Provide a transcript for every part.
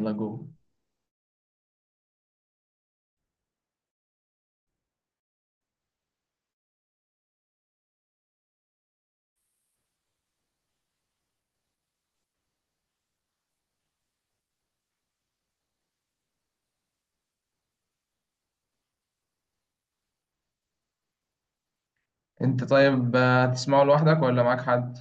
يلا جو، انت طيب. هتسمعه لوحدك ولا معاك حد؟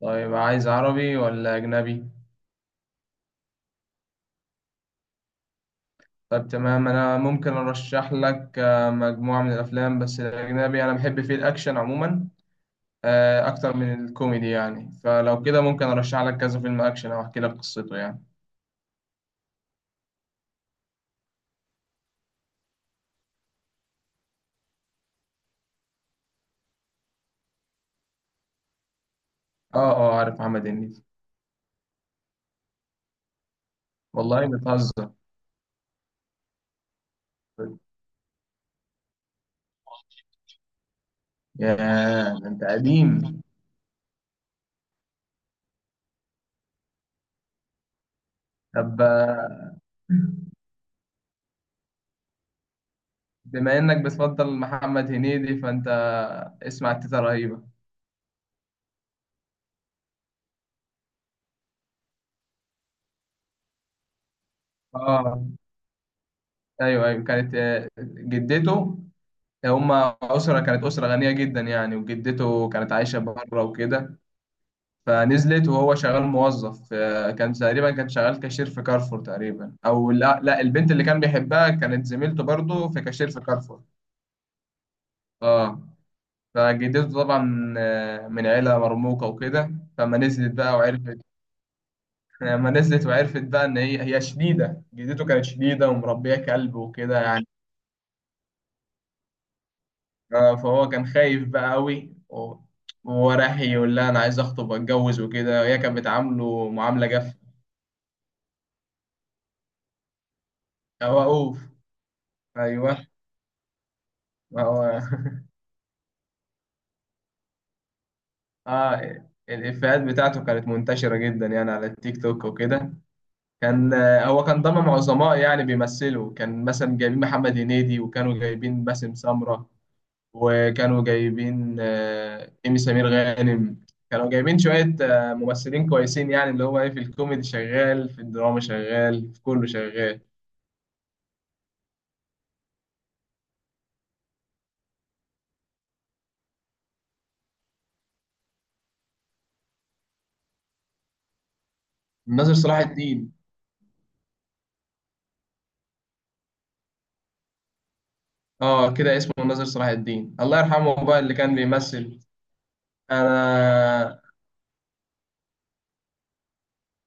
طيب، عايز عربي ولا اجنبي؟ طيب، تمام. انا ممكن ارشح لك مجموعة من الافلام. بس الاجنبي انا بحب فيه الاكشن عموما، اكتر من الكوميدي يعني. فلو كده ممكن ارشح لك كذا فيلم اكشن او احكي لك قصته يعني. اه، اه، عارف محمد هنيدي. والله بتهزر؟ ياه، ده انت قديم. طب، بما انك بتفضل محمد هنيدي فانت اسمع تيتا رهيبة. اه، ايوه، ايوه، كانت جدته. هما اسره، كانت اسره غنيه جدا يعني، وجدته كانت عايشه بره وكده. فنزلت وهو شغال موظف، كان تقريبا، كان شغال كاشير في كارفور تقريبا، او لا لا، البنت اللي كان بيحبها كانت زميلته برضه في كاشير في كارفور. اه، فجدته طبعا من عيله مرموقه وكده. فما نزلت بقى وعرفت، لما نزلت وعرفت بقى ان هي شديده، جدته كانت شديده ومربيه كلب وكده يعني. فهو كان خايف بقى قوي وهو راح يقول لها انا عايز اخطب واتجوز وكده، وهي كانت بتعامله معامله جافه. هو اوف. ايوه، ما هو اه، الافيهات بتاعته كانت منتشره جدا يعني على التيك توك وكده. كان آه، هو كان ضمن عظماء يعني بيمثلوا، كان مثلا جايبين محمد هنيدي، وكانوا جايبين باسم سمره، وكانوا جايبين إيمي سمير غانم. كانوا جايبين شوية ممثلين كويسين، يعني اللي هو إيه، في الكوميدي شغال، في الدراما شغال، في كله شغال. ناصر صلاح الدين. اه، كده اسمه ناصر صلاح الدين، الله يرحمه بقى، اللي كان بيمثل. انا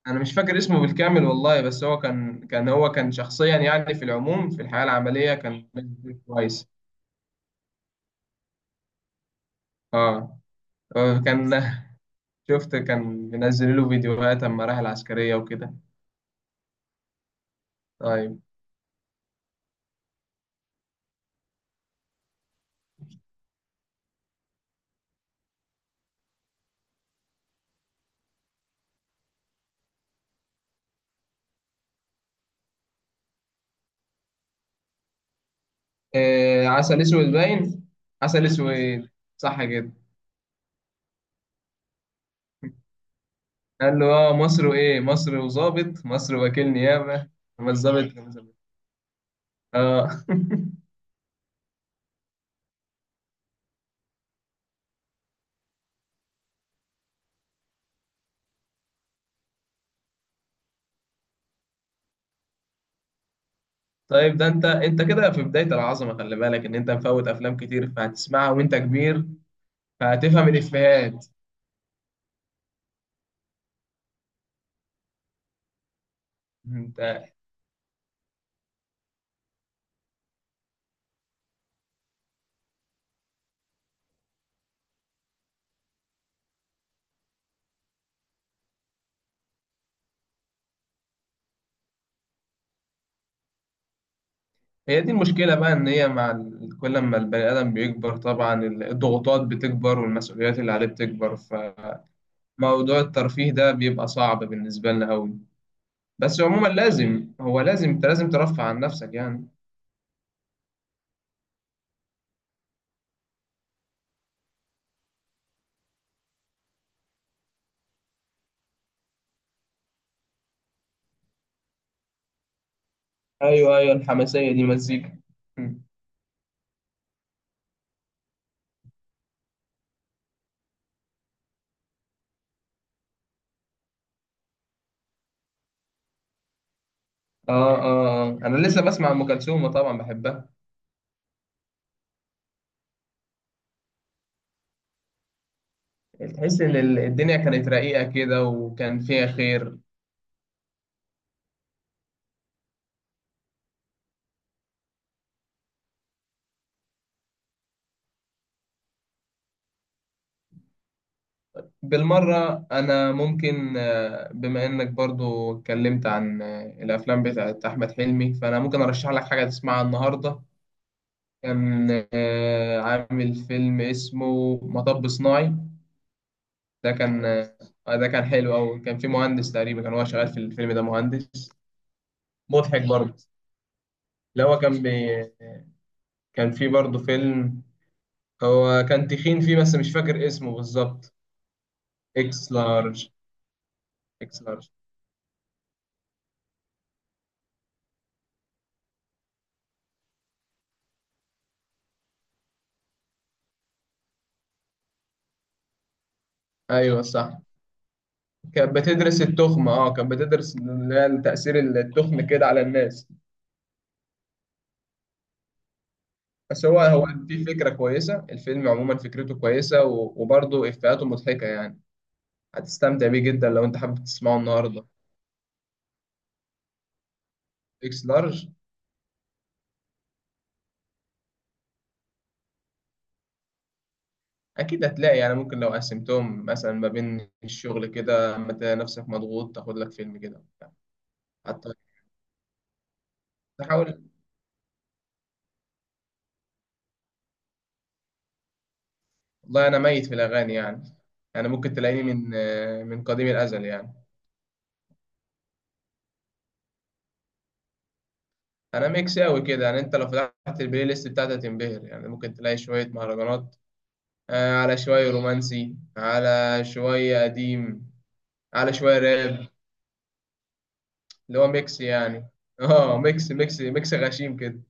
انا مش فاكر اسمه بالكامل والله، بس هو كان شخصيا يعني، في العموم، في الحياة العملية كان كويس. اه، كان شفت، كان منزل له فيديوهات اما راح العسكرية وكده. طيب. عسل اسود باين. عسل اسود، صح كده. قال له اه مصر، وايه مصر، وظابط مصر، وكيل نيابه. اما الظابط كان ظابط. اه طيب، ده انت كده في بدايه العظمه، خلي بالك ان انت مفوت افلام كتير فهتسمعها وانت كبير، فهتفهم الافيهات. انت، هي دي المشكله بقى، ان هي مع كل ما البني ادم بيكبر طبعا الضغوطات بتكبر والمسؤوليات اللي عليه بتكبر. فموضوع الترفيه ده بيبقى صعب بالنسبه لنا قوي. بس عموما لازم، هو لازم، انت لازم ترفع عن نفسك يعني. ايوه، ايوه، الحماسيه دي مزيكا. مم. اه، اه، آه. انا لسه بسمع ام كلثوم طبعا بحبها. تحس ان الدنيا كانت رقيقه كده وكان فيها خير. بالمره انا ممكن بما انك برضو اتكلمت عن الافلام بتاعت احمد حلمي، فانا ممكن ارشح لك حاجه تسمعها النهارده. كان عامل فيلم اسمه مطب صناعي. ده كان حلو أوي، كان في مهندس تقريبا، كان هو شغال في الفيلم ده مهندس. مضحك برضه. اللي هو كان كان في برضه فيلم هو كان تخين فيه، بس مش فاكر اسمه بالظبط. اكس لارج. اكس لارج، ايوه صح، كانت بتدرس التخمة. اه، كانت بتدرس اللي هي تأثير التخم كده على الناس. بس هو في فكرة كويسة، الفيلم عموما فكرته كويسة، وبرضه إفيهاته مضحكة يعني. هتستمتع بيه جدا لو أنت حابب تسمعه النهاردة. إكس لارج. اكيد هتلاقي يعني، ممكن لو قسمتهم مثلا ما بين الشغل كده اما تلاقي نفسك مضغوط تاخد لك فيلم كده. حتى تحاول. والله انا ميت في الاغاني يعني، انا ممكن تلاقيني من قديم الازل يعني. انا ميكس قوي كده يعني، انت لو فتحت البلاي ليست بتاعتي هتنبهر يعني، ممكن تلاقي شويه مهرجانات، على شويه رومانسي، على شويه قديم، على شويه راب. اللي هو ميكس يعني اه، ميكس ميكس ميكس غشيم كده.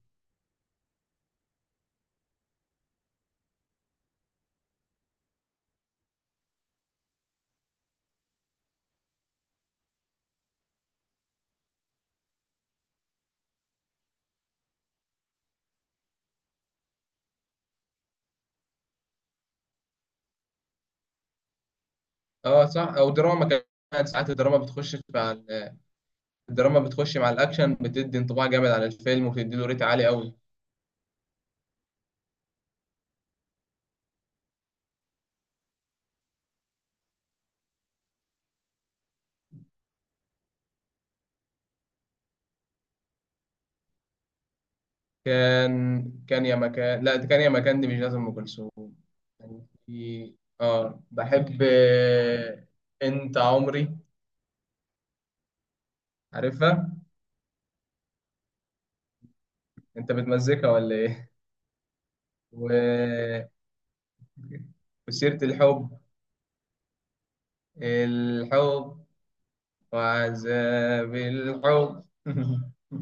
اه صح، او دراما كمان ساعات، الدراما بتخش في، الدراما بتخش مع الأكشن، بتدي انطباع جامد عن الفيلم وبتدي له ريت عالي قوي. كان كان يا مكان، لا، ده كان يا مكان دي مش لازم أم كلثوم، كان في. اه، بحب أنت عمري، عارفها. أنت بتمزيكها ولا إيه؟ و... وسيرة الحب، الحب، وعذاب الحب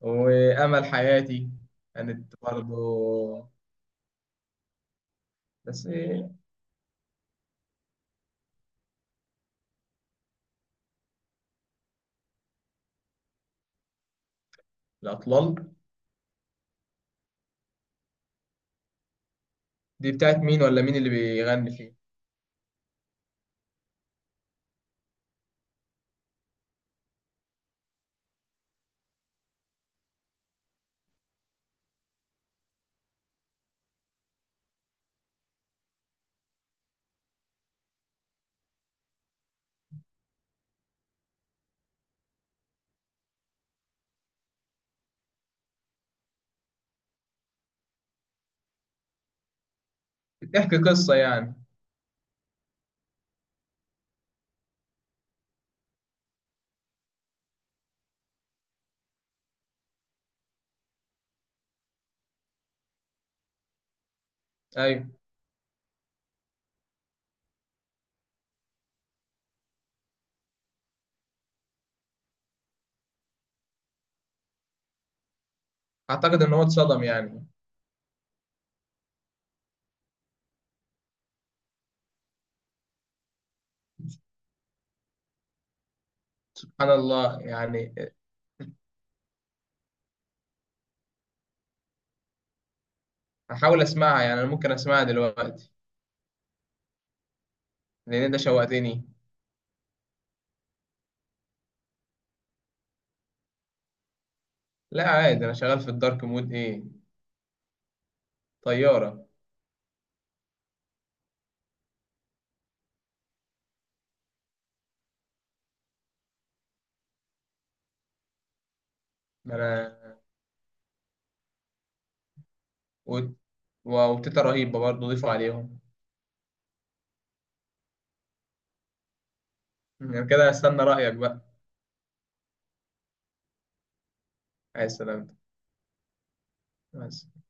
وأمل حياتي كانت برضه، بس إيه. الأطلال دي بتاعت مين، ولا مين اللي بيغني فيه؟ بتحكي قصة يعني؟ أيوة. أعتقد إن هو اتصدم يعني. سبحان الله يعني. هحاول أسمعها يعني، أنا ممكن أسمعها دلوقتي، لأن أنت شوقتني. لا، عادي، أنا شغال في الدارك مود إيه، طيارة. ما أنا، و- وتيتا رهيبة برضه ضيفوا عليهم. يعني كده أستنى رأيك بقى. عايز سلامتك. مع